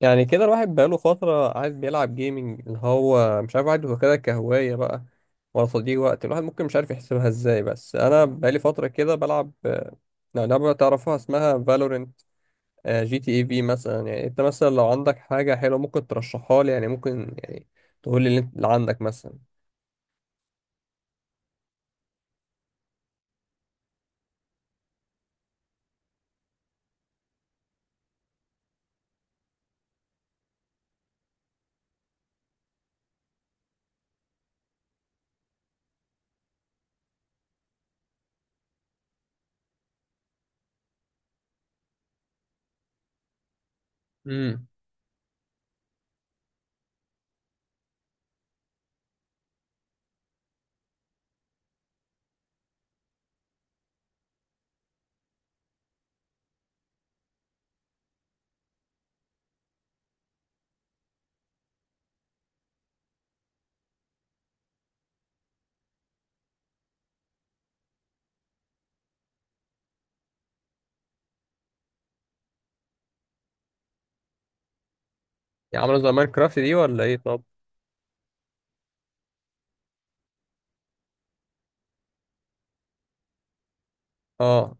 يعني كده الواحد بقاله فترة عايز بيلعب جيمنج اللي هو مش عارف عنده كده كهواية بقى، ولا تضييع وقت. الواحد ممكن مش عارف يحسبها ازاي. بس أنا بقالي فترة كده بلعب، لعبة تعرفها اسمها فالورنت. جي تي اي في مثلا. يعني انت مثلا لو عندك حاجة حلوة ممكن ترشحها لي، يعني ممكن يعني تقول لي اللي عندك مثلا. امم. يعني عاملة زي ماينكرافت دي ولا ايه طب؟ اه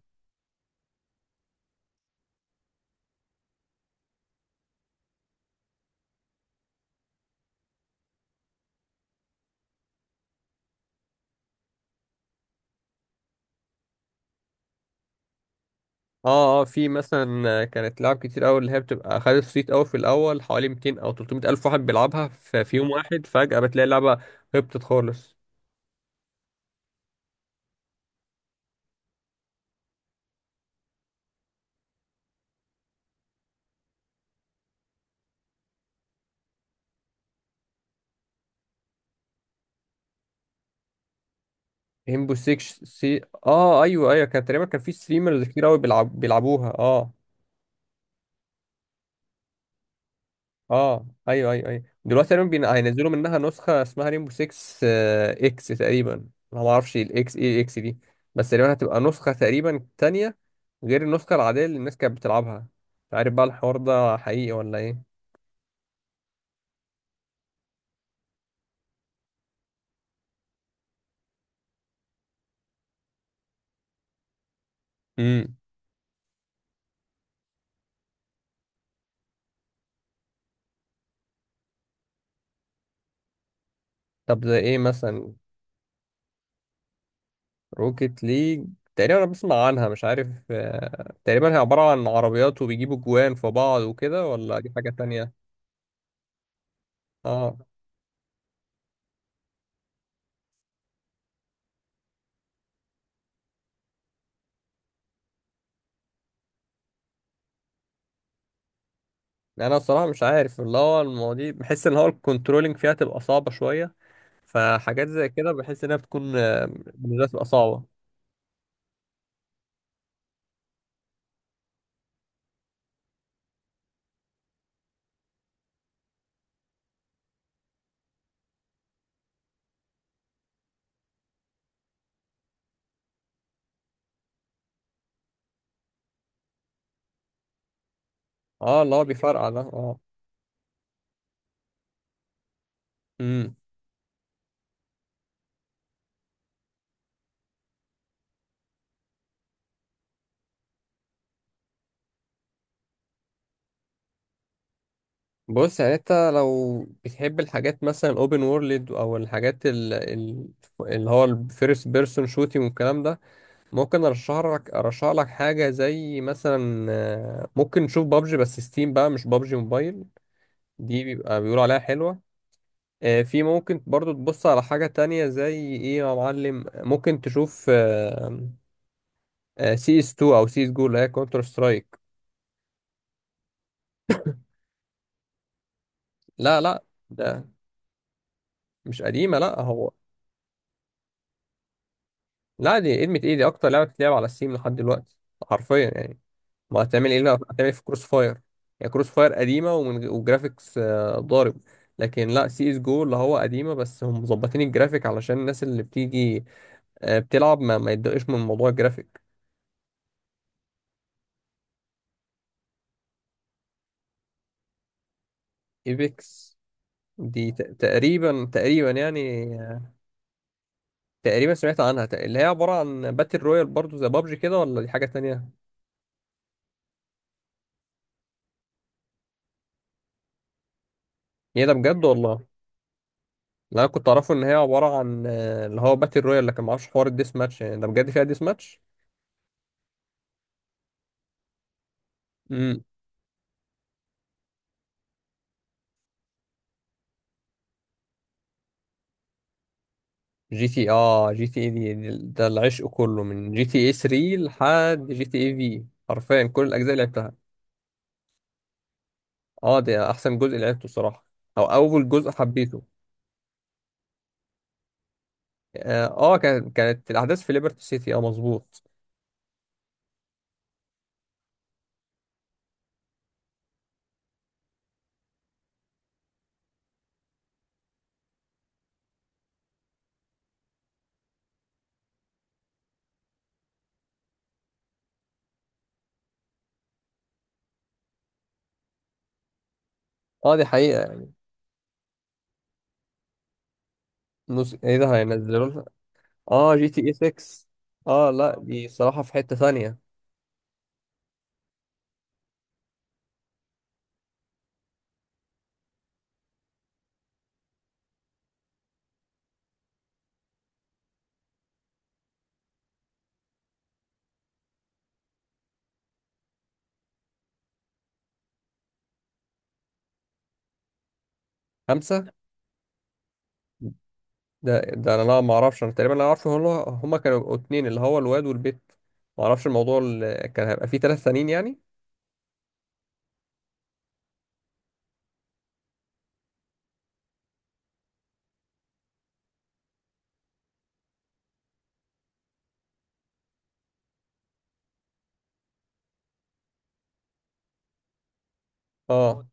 اه. اه في مثلا كانت لعب كتير قوي اللي هي بتبقى خدت صيت قوي في الاول، حوالي 200 او 300 الف واحد بيلعبها في يوم واحد، فجأة بتلاقي اللعبة هبطت خالص. هيمبو 6 سي. اه ايوه ايوه، كان تقريبا كان في ستريمرز كتير قوي بيلعبوها اه. اه ايوه ايوه ايوه، دلوقتي تقريبا هينزلوا منها نسخة اسمها ريمبو 6 اكس تقريبا. انا ما اعرفش الاكس، ايه الاكس دي؟ بس تقريبا هتبقى نسخة تقريبا تانية غير النسخة العادية اللي الناس كانت بتلعبها. مش عارف بقى الحوار ده حقيقي ولا. ايه؟ طب زي ايه مثلا؟ روكيت ليج؟ تقريبا انا بسمع عنها، مش عارف، تقريبا هي عبارة عن عربيات وبيجيبوا جوان في بعض وكده، ولا دي حاجة تانية؟ اه. يعني انا الصراحة مش عارف، اللي هو المواضيع بحس ان هو الكنترولينج فيها تبقى صعبة شوية. فحاجات زي كده بحس انها بتكون، بالنسبة لي، تبقى صعبة. اه اللي هو بيفرقع ده، اه. امم. بص يعني انت لو بتحب الحاجات مثلا اوبن وورلد، او الحاجات اللي هو الفيرست بيرسون شوتينج والكلام ده، ممكن ارشح لك حاجه زي مثلا، ممكن نشوف بابجي، بس ستيم بقى، مش بابجي موبايل. دي بيبقى بيقولوا عليها حلوه. في ممكن برضو تبص على حاجه تانية. زي ايه يا معلم؟ ممكن تشوف، سي اس 2 او سي اس جو اللي هي كونتر سترايك. لا لا، ده مش قديمه. لا، هو لا، دي ادمت ايه؟ دي اكتر لعبه بتتلعب على ستيم لحد دلوقتي، حرفيا يعني. ما هتعمل ايه لو هتعمل إيه في كروس فاير؟ يعني كروس فاير قديمه ومن ضارب. لكن لا، سي اس جو اللي هو قديمه، بس هم مظبطين الجرافيك علشان الناس اللي بتيجي بتلعب ما يتضايقش من موضوع الجرافيك. ايبكس؟ دي تقريبا يعني، تقريبا سمعت عنها، اللي هي عباره عن باتل رويال برضو زي بابجي كده، ولا دي حاجه تانية؟ هي ده بجد والله؟ لا أنا كنت اعرفه ان هي عباره عن، اللي هو باتل رويال، لكن ما اعرفش حوار الديس ماتش. يعني ده بجد فيها ديس ماتش؟ جي تي اي دي دي- ده العشق كله من جي تي اي 3 لحد جي تي اي في، حرفيا كل الاجزاء اللي لعبتها. اه ده احسن جزء لعبته صراحة، او اول جزء حبيته. اه، كانت الاحداث في ليبرتي سيتي. اه مظبوط. اه دي حقيقة. ايه ده، هينزلوا لها؟ اه، جي تي اي 6. اه لا، دي صراحة في حتة ثانية. خمسة؟ ده انا لا ما اعرفش. انا تقريبا لا اعرف هم، هما كانوا اتنين، اللي هو الواد والبت. ما اعرفش الموضوع اللي كان هيبقى فيه 3 سنين يعني. اه.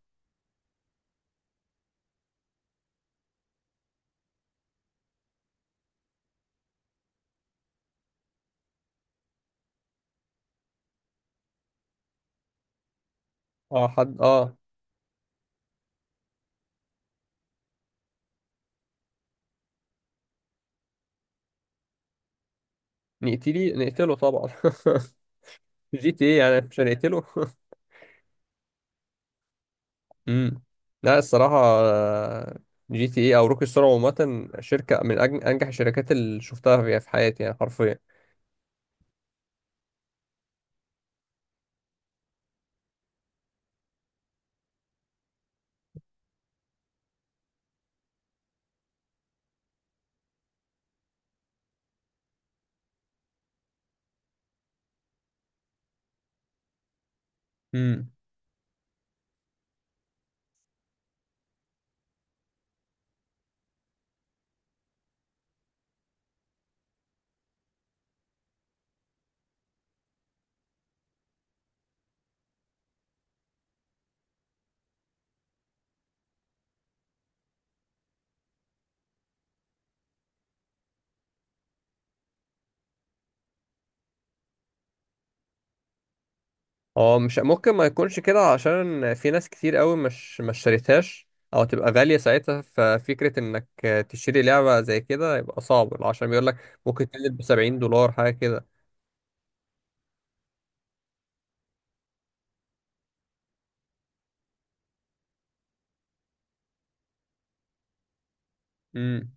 اه حد، اه. نقتلي نقتله طبعا. جي تي ايه يعني مش هنقتله؟ امم. لا الصراحة، جي تي ايه او روكي ستار عامة شركة من انجح الشركات اللي شفتها في حياتي، يعني حرفيا. امم. هو مش ممكن ما يكونش كده، عشان في ناس كتير قوي مش ما اشتريتهاش، او تبقى غالية ساعتها. ففكرة انك تشتري لعبة زي كده يبقى صعب، عشان بيقول لك ممكن تنزل ب $70، حاجة كده. امم.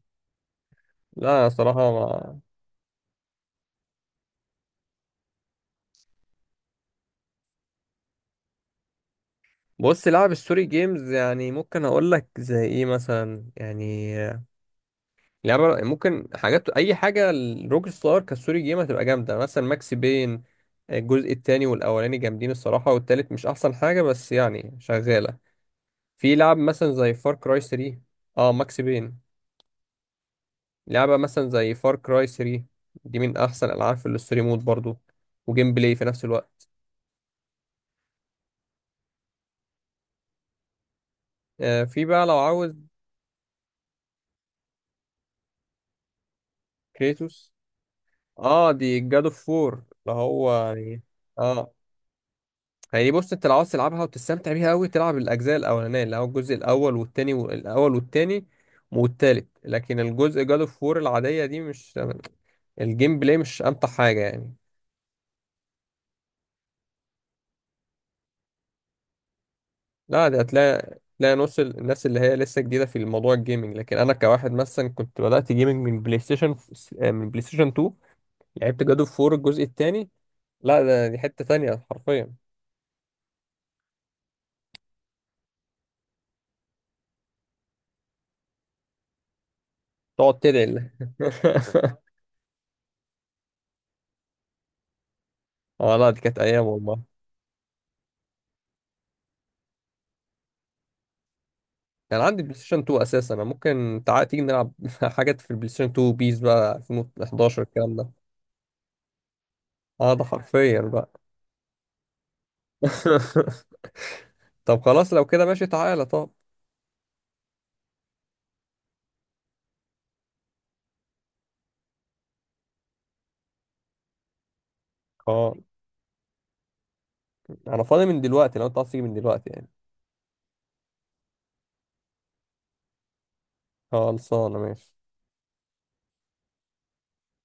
لا صراحة. بص، لعب الستوري جيمز، يعني ممكن اقول لك زي ايه مثلا. يعني لعبه ممكن حاجات، اي حاجه الروك ستار كستوري جيم هتبقى جامده. مثلا ماكس بين، الجزء التاني والاولاني جامدين الصراحه، والتالت مش احسن حاجه بس يعني شغاله. في لعب مثلا زي فار كراي 3. اه ماكس بين. لعبه مثلا زي فار كراي 3، دي من احسن العاب في الستوري مود برضو، وجيم بلاي في نفس الوقت. آه في بقى لو عاوز. كريتوس؟ اه، دي جاد اوف 4، اللي هو يعني. اه يعني بص، انت لو عاوز تلعبها وتستمتع بيها قوي، تلعب الاجزاء الاولانيه، اللي هو الجزء الاول والتاني، والاول والتاني والتالت. لكن الجزء جاد اوف وور العاديه دي، مش الجيم بلاي مش امتع حاجه يعني. لا ده هتلاقي نص الناس اللي هي لسه جديده في الموضوع الجيمنج. لكن انا كواحد مثلا، كنت بدات جيمنج من بلاي ستيشن، من بلاي ستيشن 2. لعبت جاد اوف وور الجزء التاني. لا ده دي حته تانيه حرفيا. تقعد تدعي الله. اه. لا دي كانت ايام والله. كان عندي بلاي ستيشن 2 اساسا. انا ممكن تعالى تيجي نلعب. حاجات في البلاي ستيشن 2، بيس بقى 2011 الكلام ده. اه ده حرفيا بقى. طب خلاص لو كده ماشي، تعالى طب. اه. انا فاضي من دلوقتي لو انت عايز تيجي من دلوقتي يعني. خلصانه ماشي.